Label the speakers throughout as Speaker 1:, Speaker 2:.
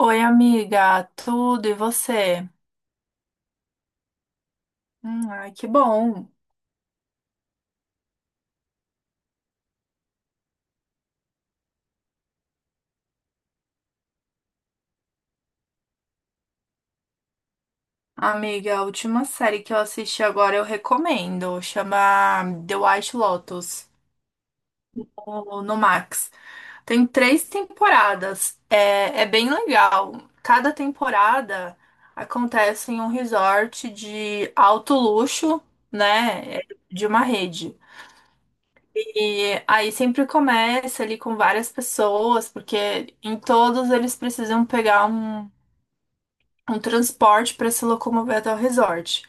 Speaker 1: Oi, amiga, tudo e você? Ai, que bom. Amiga, a última série que eu assisti agora eu recomendo, chama The White Lotus, ou no Max. Tem três temporadas, é bem legal. Cada temporada acontece em um resort de alto luxo, né, é, de uma rede. E aí sempre começa ali com várias pessoas, porque em todos eles precisam pegar um transporte para se locomover até o resort.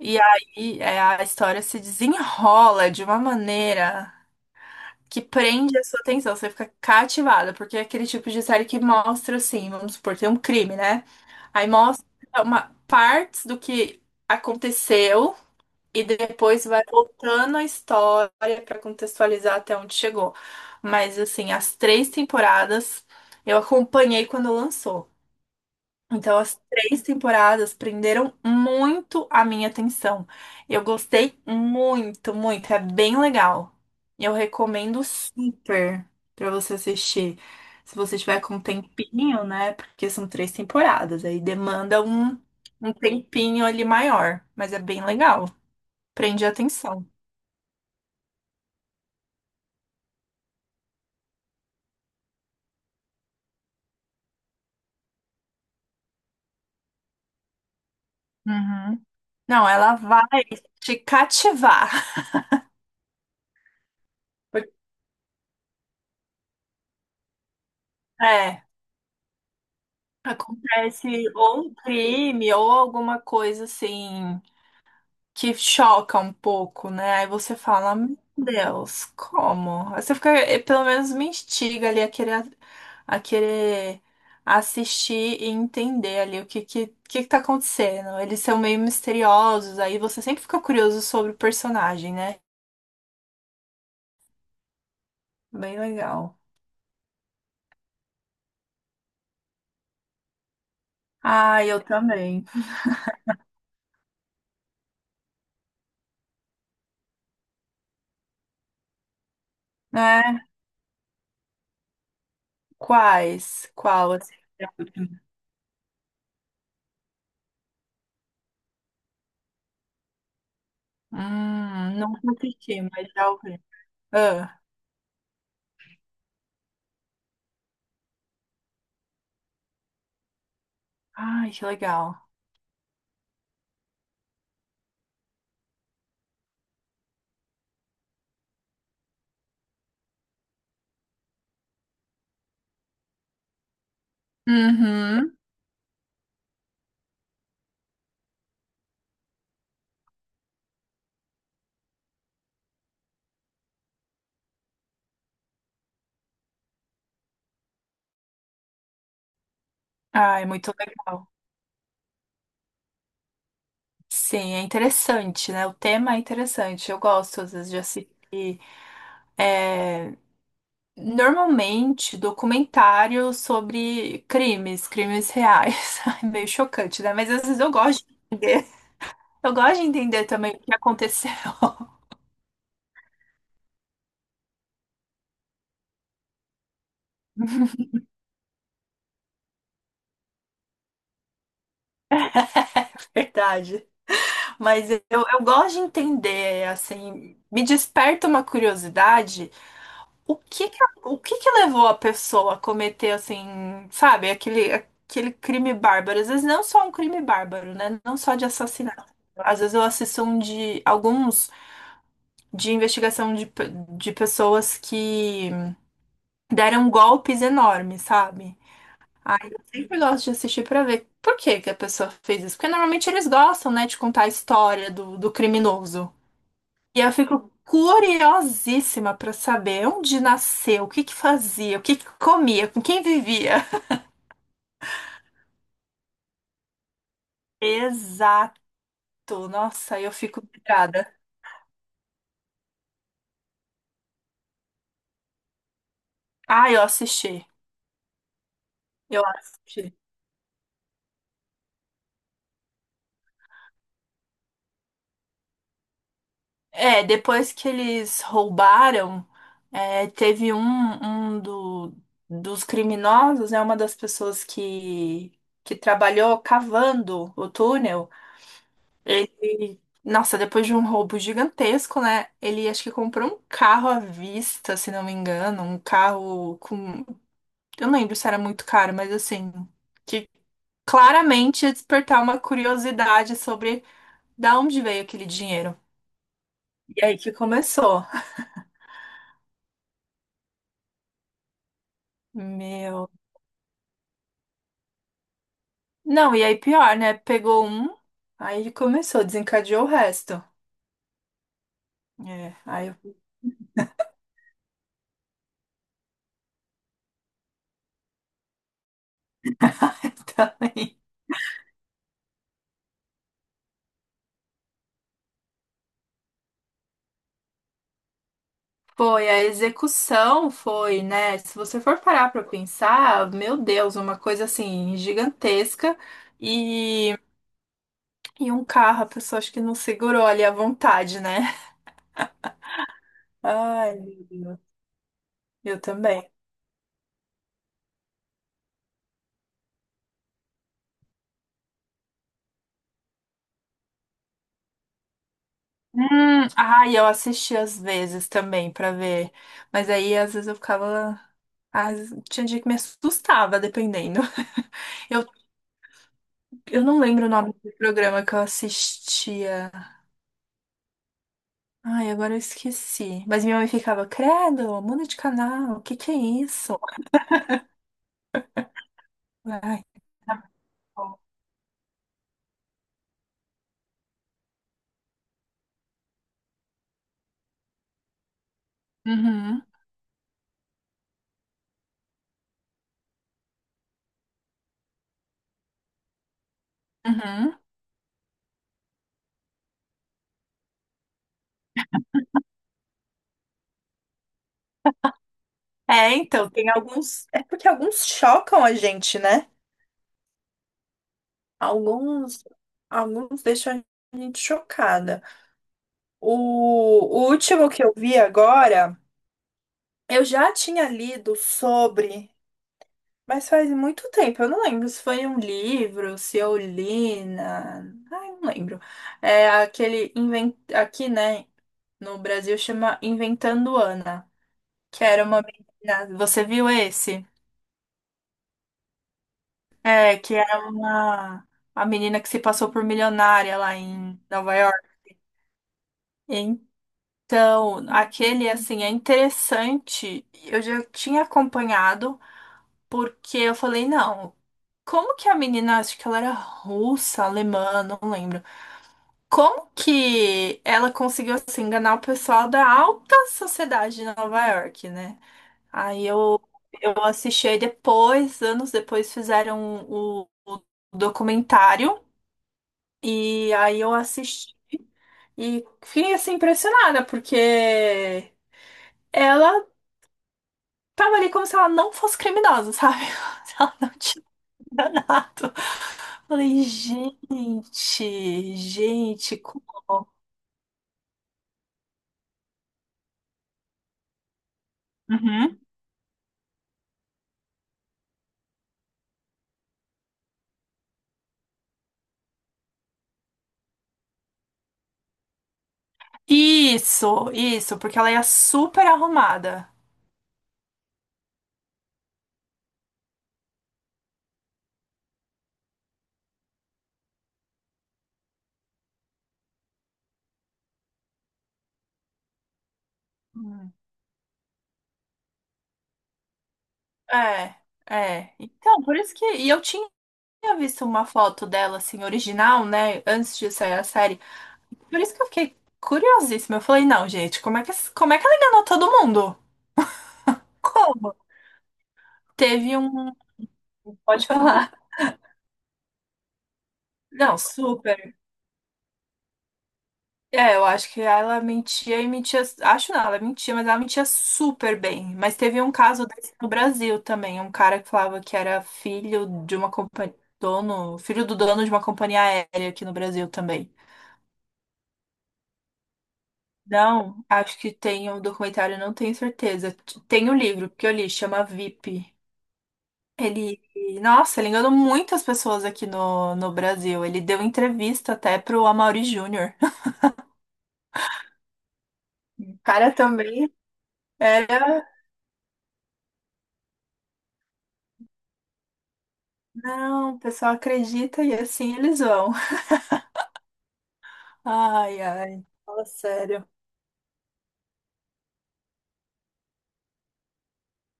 Speaker 1: E aí a história se desenrola de uma maneira que prende a sua atenção, você fica cativada, porque é aquele tipo de série que mostra assim, vamos supor, tem um crime, né? Aí mostra uma partes do que aconteceu e depois vai voltando a história para contextualizar até onde chegou. Mas assim, as três temporadas eu acompanhei quando lançou. Então, as três temporadas prenderam muito a minha atenção. Eu gostei muito, muito. É bem legal. Eu recomendo super pra você assistir. Se você tiver com um tempinho, né? Porque são três temporadas. Aí demanda um tempinho ali maior. Mas é bem legal. Prende a atenção. Uhum. Não, ela vai te cativar. Porque, É, Acontece ou um crime ou alguma coisa assim que choca um pouco, né? Aí você fala, meu Deus, como? Aí você fica, pelo menos me instiga ali a querer assistir e entender ali que tá acontecendo. Eles são meio misteriosos, aí você sempre fica curioso sobre o personagem, né? Bem legal. Ah, eu também. Né? Quais? Qual? Assim, é a última? Não assisti, mas já ouvi. Ah, ai, que legal. Uhum. Ai, muito legal. Sim, é interessante, né? O tema é interessante. Eu gosto, às vezes, de assistir. é, Normalmente, documentários sobre crimes, crimes reais. É meio chocante, né? Mas às vezes eu gosto de entender. Eu gosto de entender também o que aconteceu. Verdade. Mas eu gosto de entender, assim, me desperta uma curiosidade. O que que, o que que levou a pessoa a cometer, assim, sabe, aquele crime bárbaro? Às vezes não só um crime bárbaro, né? Não só de assassinato. Às vezes eu assisto um de alguns de investigação de pessoas que deram golpes enormes, sabe? Aí eu sempre gosto de assistir pra ver por que que a pessoa fez isso. Porque normalmente eles gostam, né, de contar a história do criminoso. E eu fico curiosíssima para saber onde nasceu, o que que fazia, o que que comia, com quem vivia. Exato. Nossa, eu fico pirada. Ah, eu assisti. Eu assisti. É, depois que eles roubaram, é, teve um, um do- dos criminosos, né, uma das pessoas que trabalhou cavando o túnel. Ele, nossa, depois de um roubo gigantesco, né? Ele acho que comprou um carro à vista, se não me engano, eu não lembro se era muito caro, mas assim, que claramente ia despertar uma curiosidade sobre da onde veio aquele dinheiro. E aí que começou. Meu. Não, e aí pior, né? Aí ele começou, desencadeou o resto. É, aí eu também. Foi, a execução foi, né? Se você for parar para pensar, meu Deus, uma coisa assim gigantesca e, e um carro, a pessoa acho que não segurou ali à vontade, né? Ai, meu Deus. Eu também. Ai, eu assisti às vezes também para ver, mas aí às vezes eu ficava. Às, tinha dia que me assustava, dependendo. Eu, eu não lembro o nome do programa que eu assistia. Ai, agora eu esqueci. Mas minha mãe ficava, credo, muda de canal, o que que é isso? Ai, bom. Uhum, uhum. É, então, tem alguns. É porque alguns chocam a gente, né? Alguns, alguns deixam a gente chocada. O, o último que eu vi agora, eu já tinha lido sobre, mas faz muito tempo, eu não lembro se foi em um livro, se eu li na. Ai, não lembro. É aquele invent... aqui, né? No Brasil chama Inventando Ana, que era uma menina. Você viu esse? É, que era uma a menina que se passou por milionária lá em Nova York. Então, aquele assim é interessante. Eu já tinha acompanhado porque eu falei, não, como que a menina, acho que ela era russa, alemã, não lembro. Como que ela conseguiu assim, enganar o pessoal da alta sociedade de Nova York, né? Aí eu, eu assisti aí depois, anos depois fizeram o documentário e aí eu assisti e fiquei assim impressionada porque ela tava ali como se ela não fosse criminosa, sabe? Se ela não tinha enganado. Falei, gente, gente, como? Uhum. Isso, porque ela ia super arrumada. Uhum. É, é. Então, por isso que e eu tinha tinha visto uma foto dela, assim, original, né? Antes de sair a série. Por isso que eu fiquei curiosíssima. Eu falei, não, gente, como é que ela enganou todo mundo? Como? Teve um. Pode falar. Não, super. É, eu acho que ela mentia e mentia. Acho não, ela mentia, mas ela mentia super bem. Mas teve um caso desse no Brasil também. Um cara que falava que era filho de uma companhia. Dono, filho do dono de uma companhia aérea aqui no Brasil também. Não, acho que tem um documentário, não tenho certeza. Tem o livro que eu li, chama VIP. Ele, nossa, ele enganou muitas pessoas aqui no Brasil. Ele deu entrevista até pro Amaury Júnior. O cara também era. Não, o pessoal acredita e assim eles vão. Ai, ai, fala sério.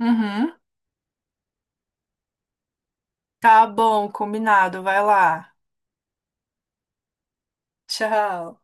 Speaker 1: Uhum. Tá bom, combinado. Vai lá. Tchau.